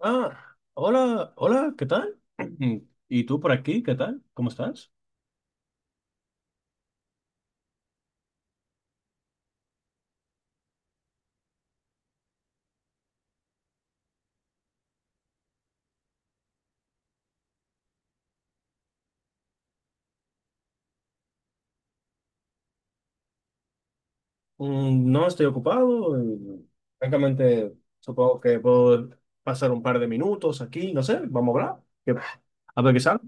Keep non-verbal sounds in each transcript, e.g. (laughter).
Ah, hola, hola, ¿qué tal? ¿Y tú por aquí? ¿Qué tal? ¿Cómo estás? No estoy ocupado, francamente, supongo que puedo pasar un par de minutos aquí, no sé, vamos a hablar. A ver qué sale.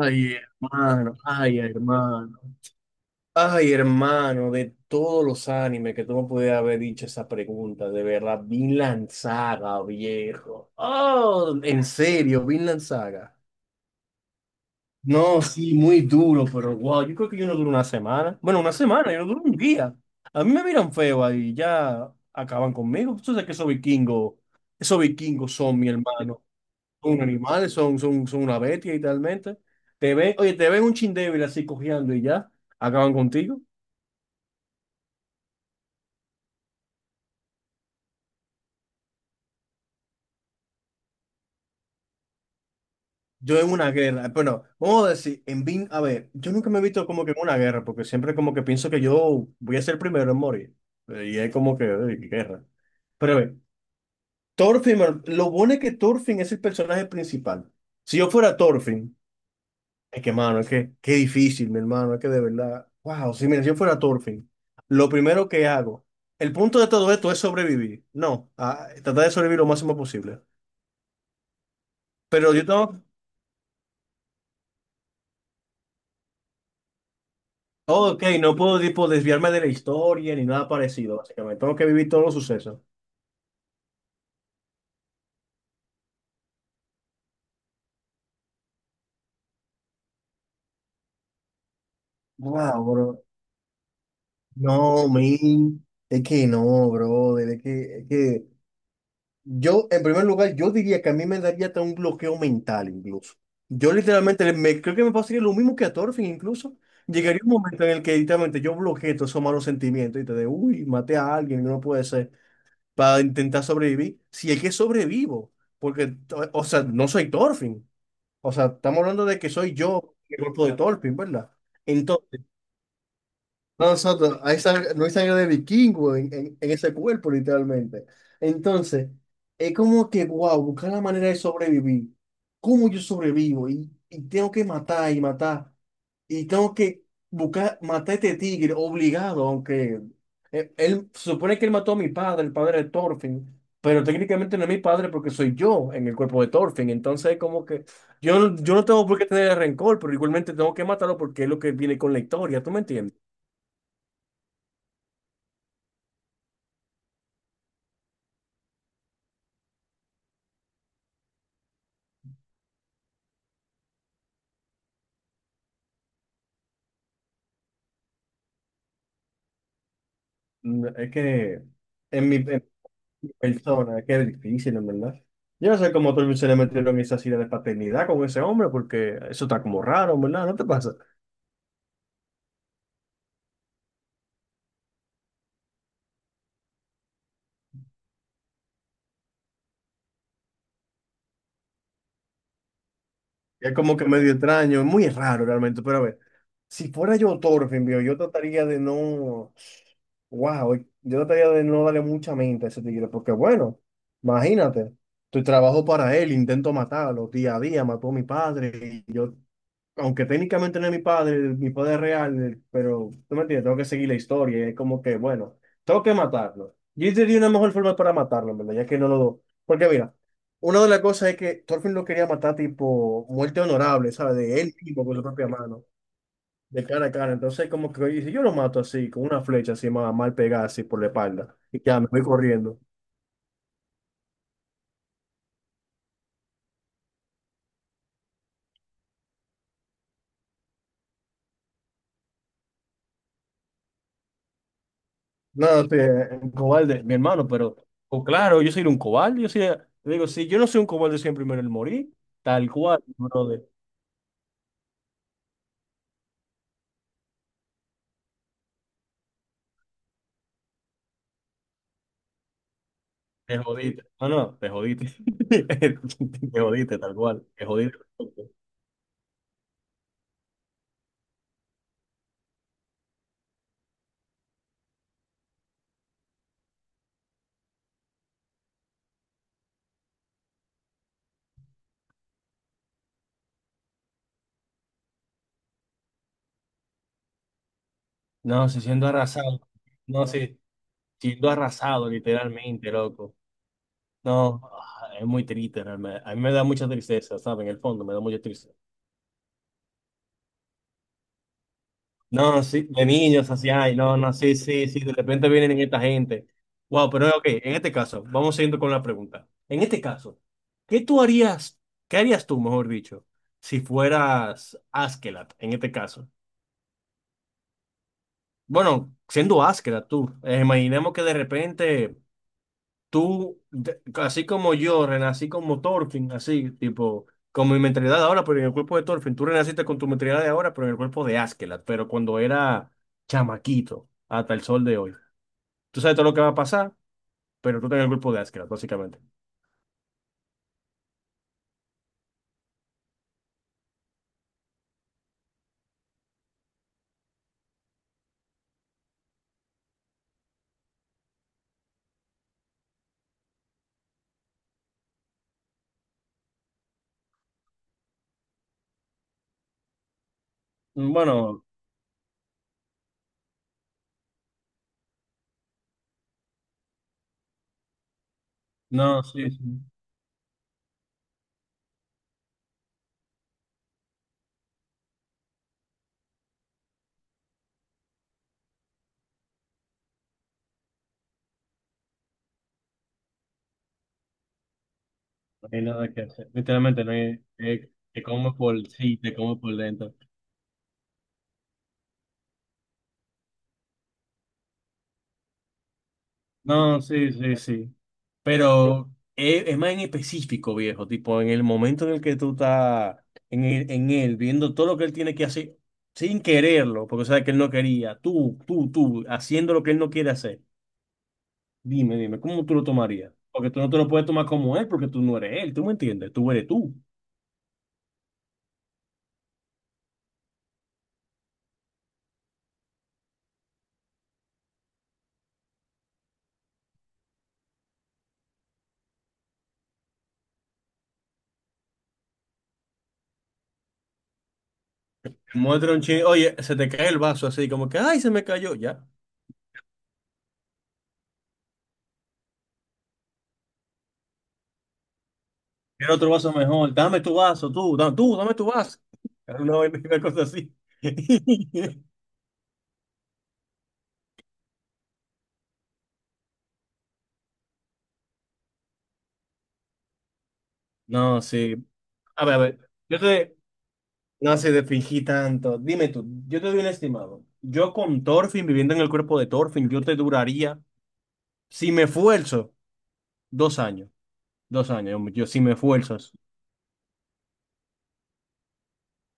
Ay, hermano, ay, hermano. Ay, hermano, de todos los animes que tú me pudieras haber dicho esa pregunta, de verdad, Vinland Saga, viejo. Oh, en serio, Vinland Saga. No, sí, muy duro, pero wow, yo creo que yo no duro una semana. Bueno, una semana, yo no duro un día. A mí me miran feo ahí, y ya acaban conmigo. Tú sabes que esos vikingos son mi hermano, son animales, son, son una bestia literalmente. Te ven, oye, te ven un chin débil así cojeando y ya, acaban contigo. Yo en una guerra, bueno, vamos a decir, en Bin, a ver, yo nunca me he visto como que en una guerra, porque siempre como que pienso que yo voy a ser el primero en morir. Y es como que, guerra. Pero a ver, Thorfinn, mano, lo bueno es que Thorfinn es el personaje principal. Si yo fuera Thorfinn, es que, mano, es que, qué difícil, mi hermano, es que de verdad, wow, si mira, si yo fuera Thorfinn, lo primero que hago, el punto de todo esto es sobrevivir, no, ah, tratar de sobrevivir lo máximo posible. Pero yo tengo, oh, ok, no puedo, tipo, desviarme de la historia ni nada parecido, básicamente, tengo que vivir todos los sucesos. Wow, bro. No, man, es que no, bro, es que yo, en primer lugar, yo diría que a mí me daría hasta un bloqueo mental incluso. Yo literalmente me, creo que me pasaría lo mismo que a Thorfinn incluso. Llegaría un momento en el que literalmente yo bloqueé todos esos malos sentimientos y te de, uy, maté a alguien, no puede ser, para intentar sobrevivir. Si es que sobrevivo, porque, o sea, no soy Thorfinn. O sea, estamos hablando de que soy yo, el cuerpo de Thorfinn, ¿verdad? No, nosotros, hay sangre, no hay sangre de vikingo en ese cuerpo, literalmente. Entonces, es como que, wow, buscar la manera de sobrevivir. ¿Cómo yo sobrevivo? Y tengo que matar y matar. Y tengo que buscar, matar a este tigre, obligado, aunque él, se supone que él mató a mi padre, el padre de Thorfinn, pero técnicamente no es mi padre porque soy yo en el cuerpo de Thorfinn. Entonces, es como que yo, yo no tengo por qué tener rencor, pero igualmente tengo que matarlo porque es lo que viene con la historia, ¿tú me entiendes? No, es que en mi persona, es que es difícil, en verdad. Yo no sé cómo otros se le metieron esa silla de paternidad con ese hombre, porque eso está como raro, en ¿verdad? ¿No te pasa? Es como que medio extraño, es muy raro realmente, pero a ver, si fuera yo Thorfinn, viejo, yo trataría de no, wow, yo trataría de no darle mucha mente a ese tigre, porque bueno, imagínate, tu trabajo para él, intento matarlo, día a día, mató a mi padre, y yo aunque técnicamente no es mi padre real, pero tú me entiendes, tengo que seguir la historia. Y es como que, bueno, tengo que matarlo. Yo sería una mejor forma para matarlo, en ¿verdad? Ya que no lo. Porque mira, una de las cosas es que Thorfinn lo quería matar, tipo, muerte honorable, ¿sabes? De él mismo con su propia mano, de cara a cara. Entonces, como que, oye, si yo lo mato así, con una flecha así, más mal pegada, así por la espalda, y ya me voy corriendo. No, sí, un cobarde, mi hermano, pero o claro, yo soy un cobarde, yo soy, te digo, si yo no soy un cobarde, soy el primero en morir, tal cual, brother, te jodiste. No, no, te jodiste. (laughs) Te jodiste, tal cual, te jodiste. No, sí, siendo arrasado. No, sí, siendo arrasado, literalmente, loco. No, ah, es muy triste, realmente. A mí me da mucha tristeza, ¿sabes? En el fondo, me da mucha tristeza. No, sí, de niños, así, ay, no, no, sí, sí, sí, de repente vienen esta gente. Wow, pero ok, en este caso, vamos siguiendo con la pregunta. En este caso, ¿qué tú harías, qué harías tú, mejor dicho, si fueras Askeladd, en este caso? Bueno, siendo Askeladd tú, imaginemos que de repente tú, así como yo, renací como Thorfinn, así, tipo, con mi mentalidad de ahora, pero en el cuerpo de Thorfinn. Tú renaciste con tu mentalidad de ahora, pero en el cuerpo de Askeladd, pero cuando era chamaquito, hasta el sol de hoy. Tú sabes todo lo que va a pasar, pero tú estás en el cuerpo de Askeladd, básicamente. Bueno, no, sí, sí. No hay nada que hacer. Literalmente no hay. Te como por sí, te como por dentro. No, sí, sí, sí. Pero es más en específico, viejo, tipo en el momento en el que tú estás en él, viendo todo lo que él tiene que hacer sin quererlo, porque sabes que él no quería, tú, haciendo lo que él no quiere hacer. Dime, dime, ¿cómo tú lo tomarías? Porque tú no te lo puedes tomar como él, porque tú no eres él, ¿tú me entiendes? Tú eres tú. Muestra un ching, oye, se te cae el vaso así, como que, ay, se me cayó, ya. Quiero otro vaso mejor, dame tu vaso, tú, tú, dame tu vaso. (laughs) Era una cosa así. (laughs) No, sí, a ver, a ver, yo te... No sé, te fingí tanto. Dime tú, yo te doy un estimado. Yo con Thorfinn, viviendo en el cuerpo de Thorfinn, yo te duraría, si me esfuerzo, 2 años. Dos años, yo, si me esfuerzo.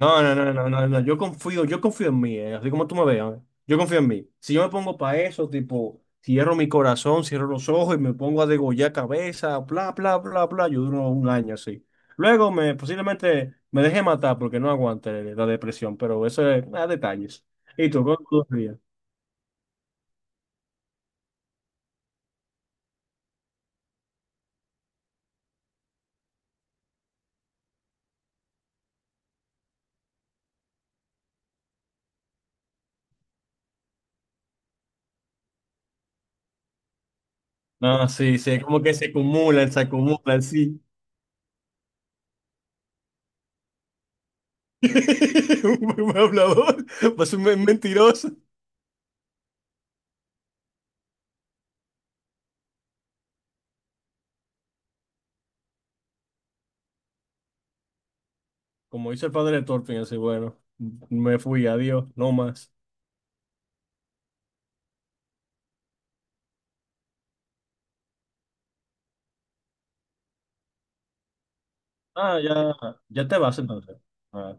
No, no, no, no, no, no, yo confío, yo confío en mí, así como tú me veas, yo confío en mí. Si yo me pongo para eso, tipo, cierro mi corazón, cierro los ojos y me pongo a degollar cabeza, bla, bla, bla, bla, yo duro 1 año así. Luego me posiblemente me deje matar porque no aguante la depresión, pero eso es ah, detalles. ¿Y tú, cómo tú ríes? No, sí, sí, como que se acumulan, sí. (laughs) Un buen hablador, pues un mentiroso. Como dice el padre de Thorfinn, así, bueno, me fui, adiós, no más. Ah, ya, ya te vas entonces. Ah,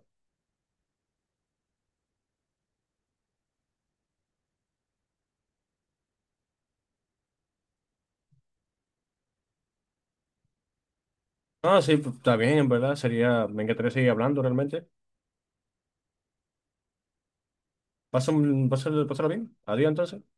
ah, sí, pues, está bien, en verdad. Sería, me encantaría seguir hablando realmente. Pásalo, pásalo, pásalo bien. Adiós entonces.